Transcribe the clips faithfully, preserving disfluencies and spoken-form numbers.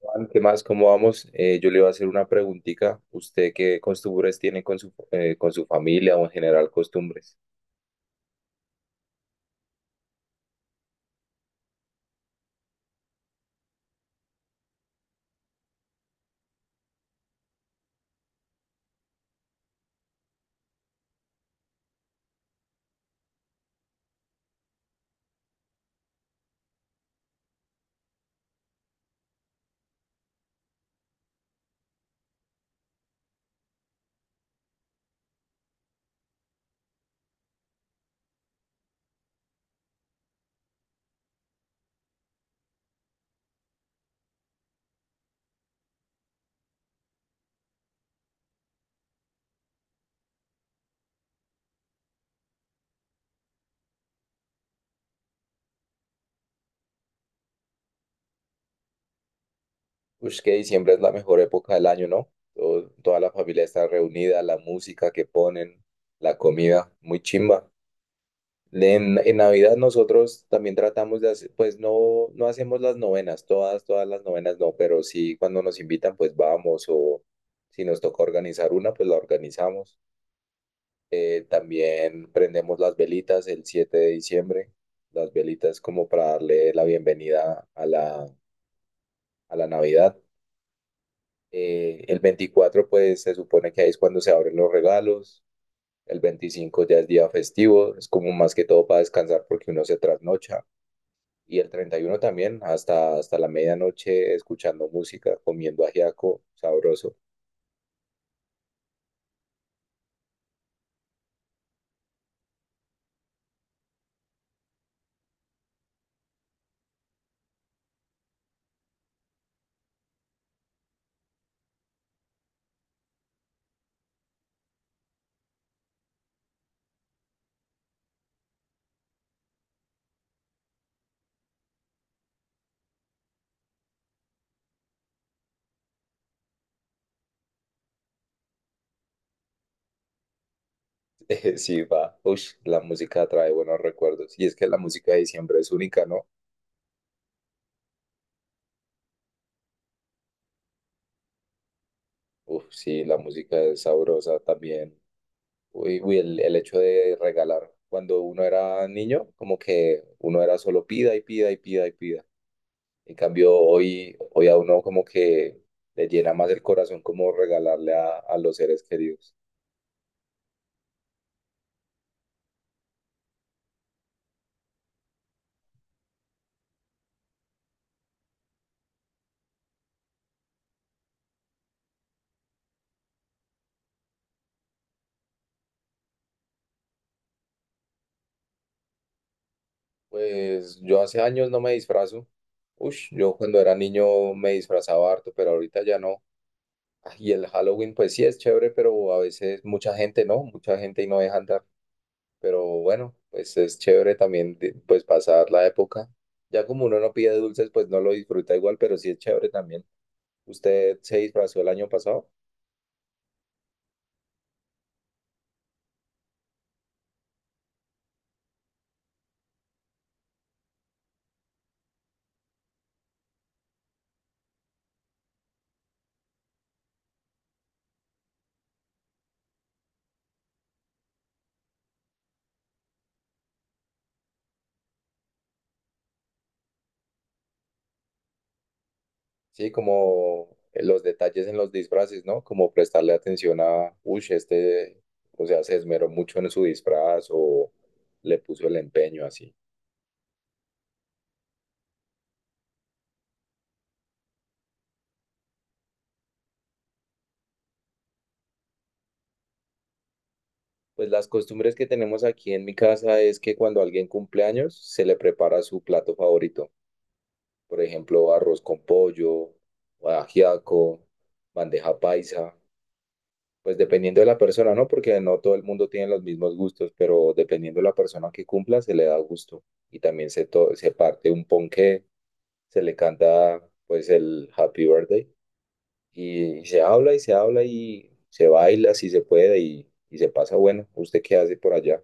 Juan, ¿qué más? ¿Cómo vamos? Eh, yo le iba a hacer una preguntita. ¿Usted qué costumbres tiene con su, eh, con su familia o en general costumbres? Pues que diciembre es la mejor época del año, ¿no? Todo- toda la familia está reunida, la música que ponen, la comida, muy chimba. En, en Navidad nosotros también tratamos de hacer, pues no, no hacemos las novenas, todas, todas las novenas no, pero sí cuando nos invitan, pues vamos o si nos toca organizar una, pues la organizamos. Eh, también prendemos las velitas el siete de diciembre, las velitas como para darle la bienvenida a la, a la Navidad. Eh, el veinticuatro pues se supone que ahí es cuando se abren los regalos, el veinticinco ya es día festivo, es como más que todo para descansar porque uno se trasnocha. Y el treinta y uno también, hasta, hasta la medianoche, escuchando música, comiendo ajiaco, sabroso. Eh, Sí, va. Ush, la música trae buenos recuerdos. Y es que la música de diciembre es única, ¿no? Uf, sí, la música es sabrosa también. Uy, uy, el, el hecho de regalar cuando uno era niño, como que uno era solo pida y pida y pida y pida. En cambio, hoy, hoy a uno como que le llena más el corazón como regalarle a, a los seres queridos. Pues yo hace años no me disfrazo. Ush, yo cuando era niño me disfrazaba harto, pero ahorita ya no. Ah, y el Halloween, pues sí es chévere, pero a veces mucha gente no, mucha gente y no dejan de. Pero bueno, pues es chévere también de- pues pasar la época. Ya como uno no pide dulces, pues no lo disfruta igual, pero sí es chévere también. ¿Usted se disfrazó el año pasado? Sí, como los detalles en los disfraces, ¿no? Como prestarle atención a, uy, este, o sea, se esmeró mucho en su disfraz o le puso el empeño así. Pues las costumbres que tenemos aquí en mi casa es que cuando alguien cumple años, se le prepara su plato favorito. Por ejemplo, arroz con pollo, ajiaco, bandeja paisa, pues dependiendo de la persona, ¿no? Porque no todo el mundo tiene los mismos gustos, pero dependiendo de la persona que cumpla, se le da gusto. Y también se, to- se parte un ponqué, se le canta pues el Happy Birthday y se habla y se habla y se baila si se puede y, y se pasa bueno. ¿Usted qué hace por allá?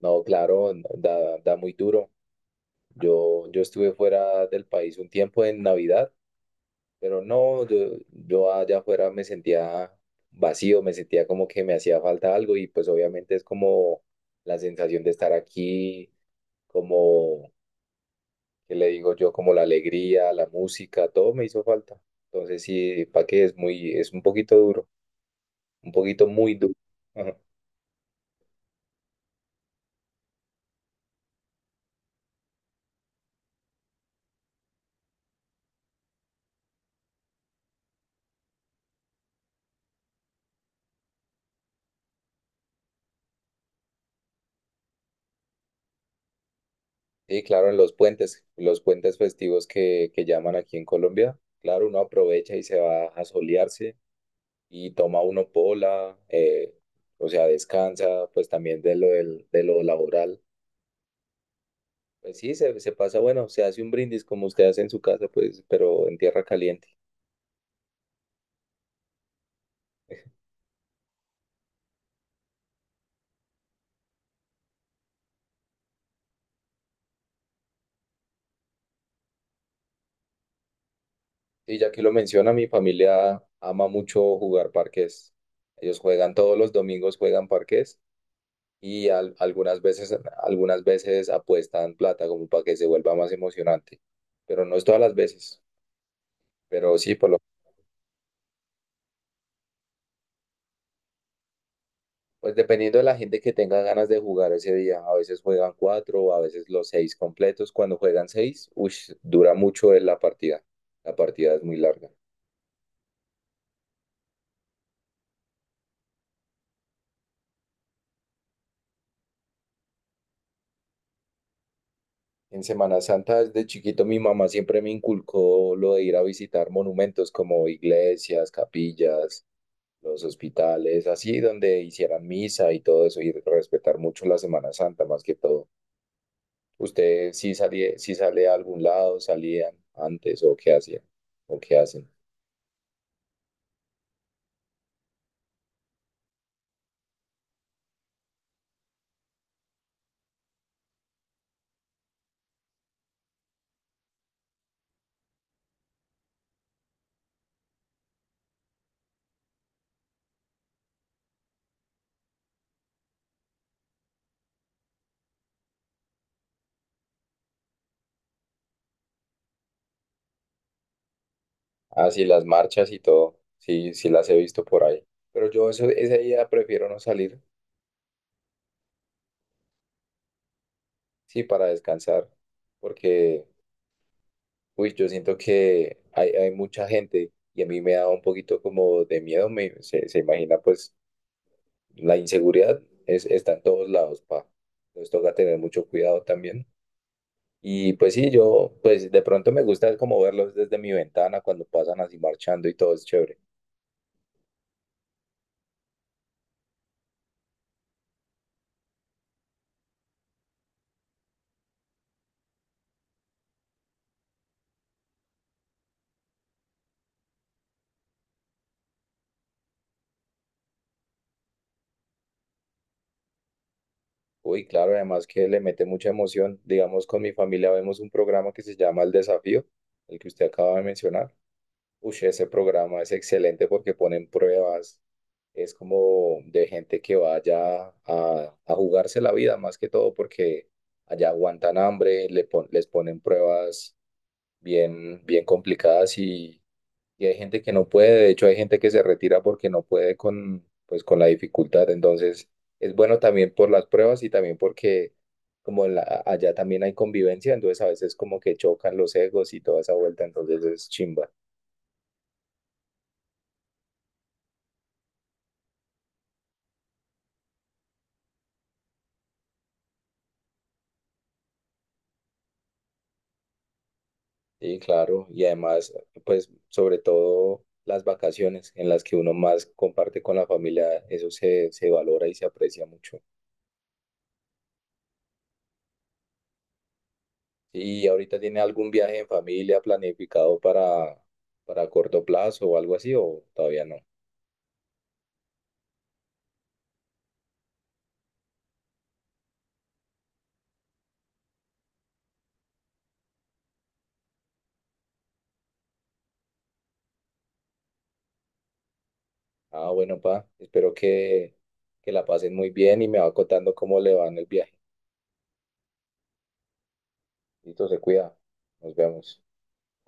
No, claro, no, da, da muy duro. Yo, yo estuve fuera del país un tiempo en Navidad. Pero no, yo, yo allá afuera me sentía vacío, me sentía como que me hacía falta algo y pues obviamente es como la sensación de estar aquí, como, ¿qué le digo yo? Como la alegría, la música, todo me hizo falta. Entonces sí, para qué es muy, es un poquito duro, un poquito muy duro. Ajá. Sí, claro, en los puentes, los puentes festivos que, que llaman aquí en Colombia, claro, uno aprovecha y se va a solearse y toma uno pola, eh, o sea, descansa, pues también de lo, del- de lo laboral. Pues sí, se, se pasa, bueno, se hace un brindis como usted hace en su casa, pues, pero en tierra caliente. Y ya que lo menciona, mi familia ama mucho jugar parques. Ellos juegan todos los domingos, juegan parques y al- algunas veces, algunas veces apuestan plata como para que se vuelva más emocionante. Pero no es todas las veces, pero sí, por lo. Pues dependiendo de la gente que tenga ganas de jugar ese día, a veces juegan cuatro, a veces los seis completos. Cuando juegan seis, ush, dura mucho en la partida. La partida es muy larga. En Semana Santa, desde chiquito, mi mamá siempre me inculcó lo de ir a visitar monumentos como iglesias, capillas, los hospitales, así donde hicieran misa y todo eso, y respetar mucho la Semana Santa más que todo. ¿Usted sí salía, sí sale a algún lado, salían antes o qué hacían o qué hacen? Ah, sí, las marchas y todo. Sí, sí las he visto por ahí. Pero yo eso, ese día prefiero no salir, sí, para descansar, porque, uy, yo siento que hay, hay mucha gente y a mí me da un poquito como de miedo, me, se, se imagina pues la inseguridad es, está en todos lados, pa. Entonces toca tener mucho cuidado también. Y pues sí, yo, pues de pronto me gusta como verlos desde mi ventana cuando pasan así marchando y todo es chévere. Uy, claro, además que le mete mucha emoción. Digamos, con mi familia vemos un programa que se llama El Desafío, el que usted acaba de mencionar. Uy, ese programa es excelente porque ponen pruebas, es como de gente que vaya a, a jugarse la vida más que todo porque allá aguantan hambre, le pon- les ponen pruebas bien, bien complicadas y hay gente que no puede, de hecho hay gente que se retira porque no puede con, pues, con la dificultad. Entonces, es bueno también por las pruebas y también porque como la- allá también hay convivencia, entonces a veces como que chocan los egos y toda esa vuelta, entonces es chimba. Sí, claro, y además, pues sobre todo las vacaciones en las que uno más comparte con la familia, eso se, se valora y se aprecia mucho. ¿Y ahorita tiene algún viaje en familia planificado para, para, corto plazo o algo así o todavía no? Ah, bueno, pa, espero que, que la pasen muy bien y me va contando cómo le va en el viaje. Listo, se cuida. Nos vemos.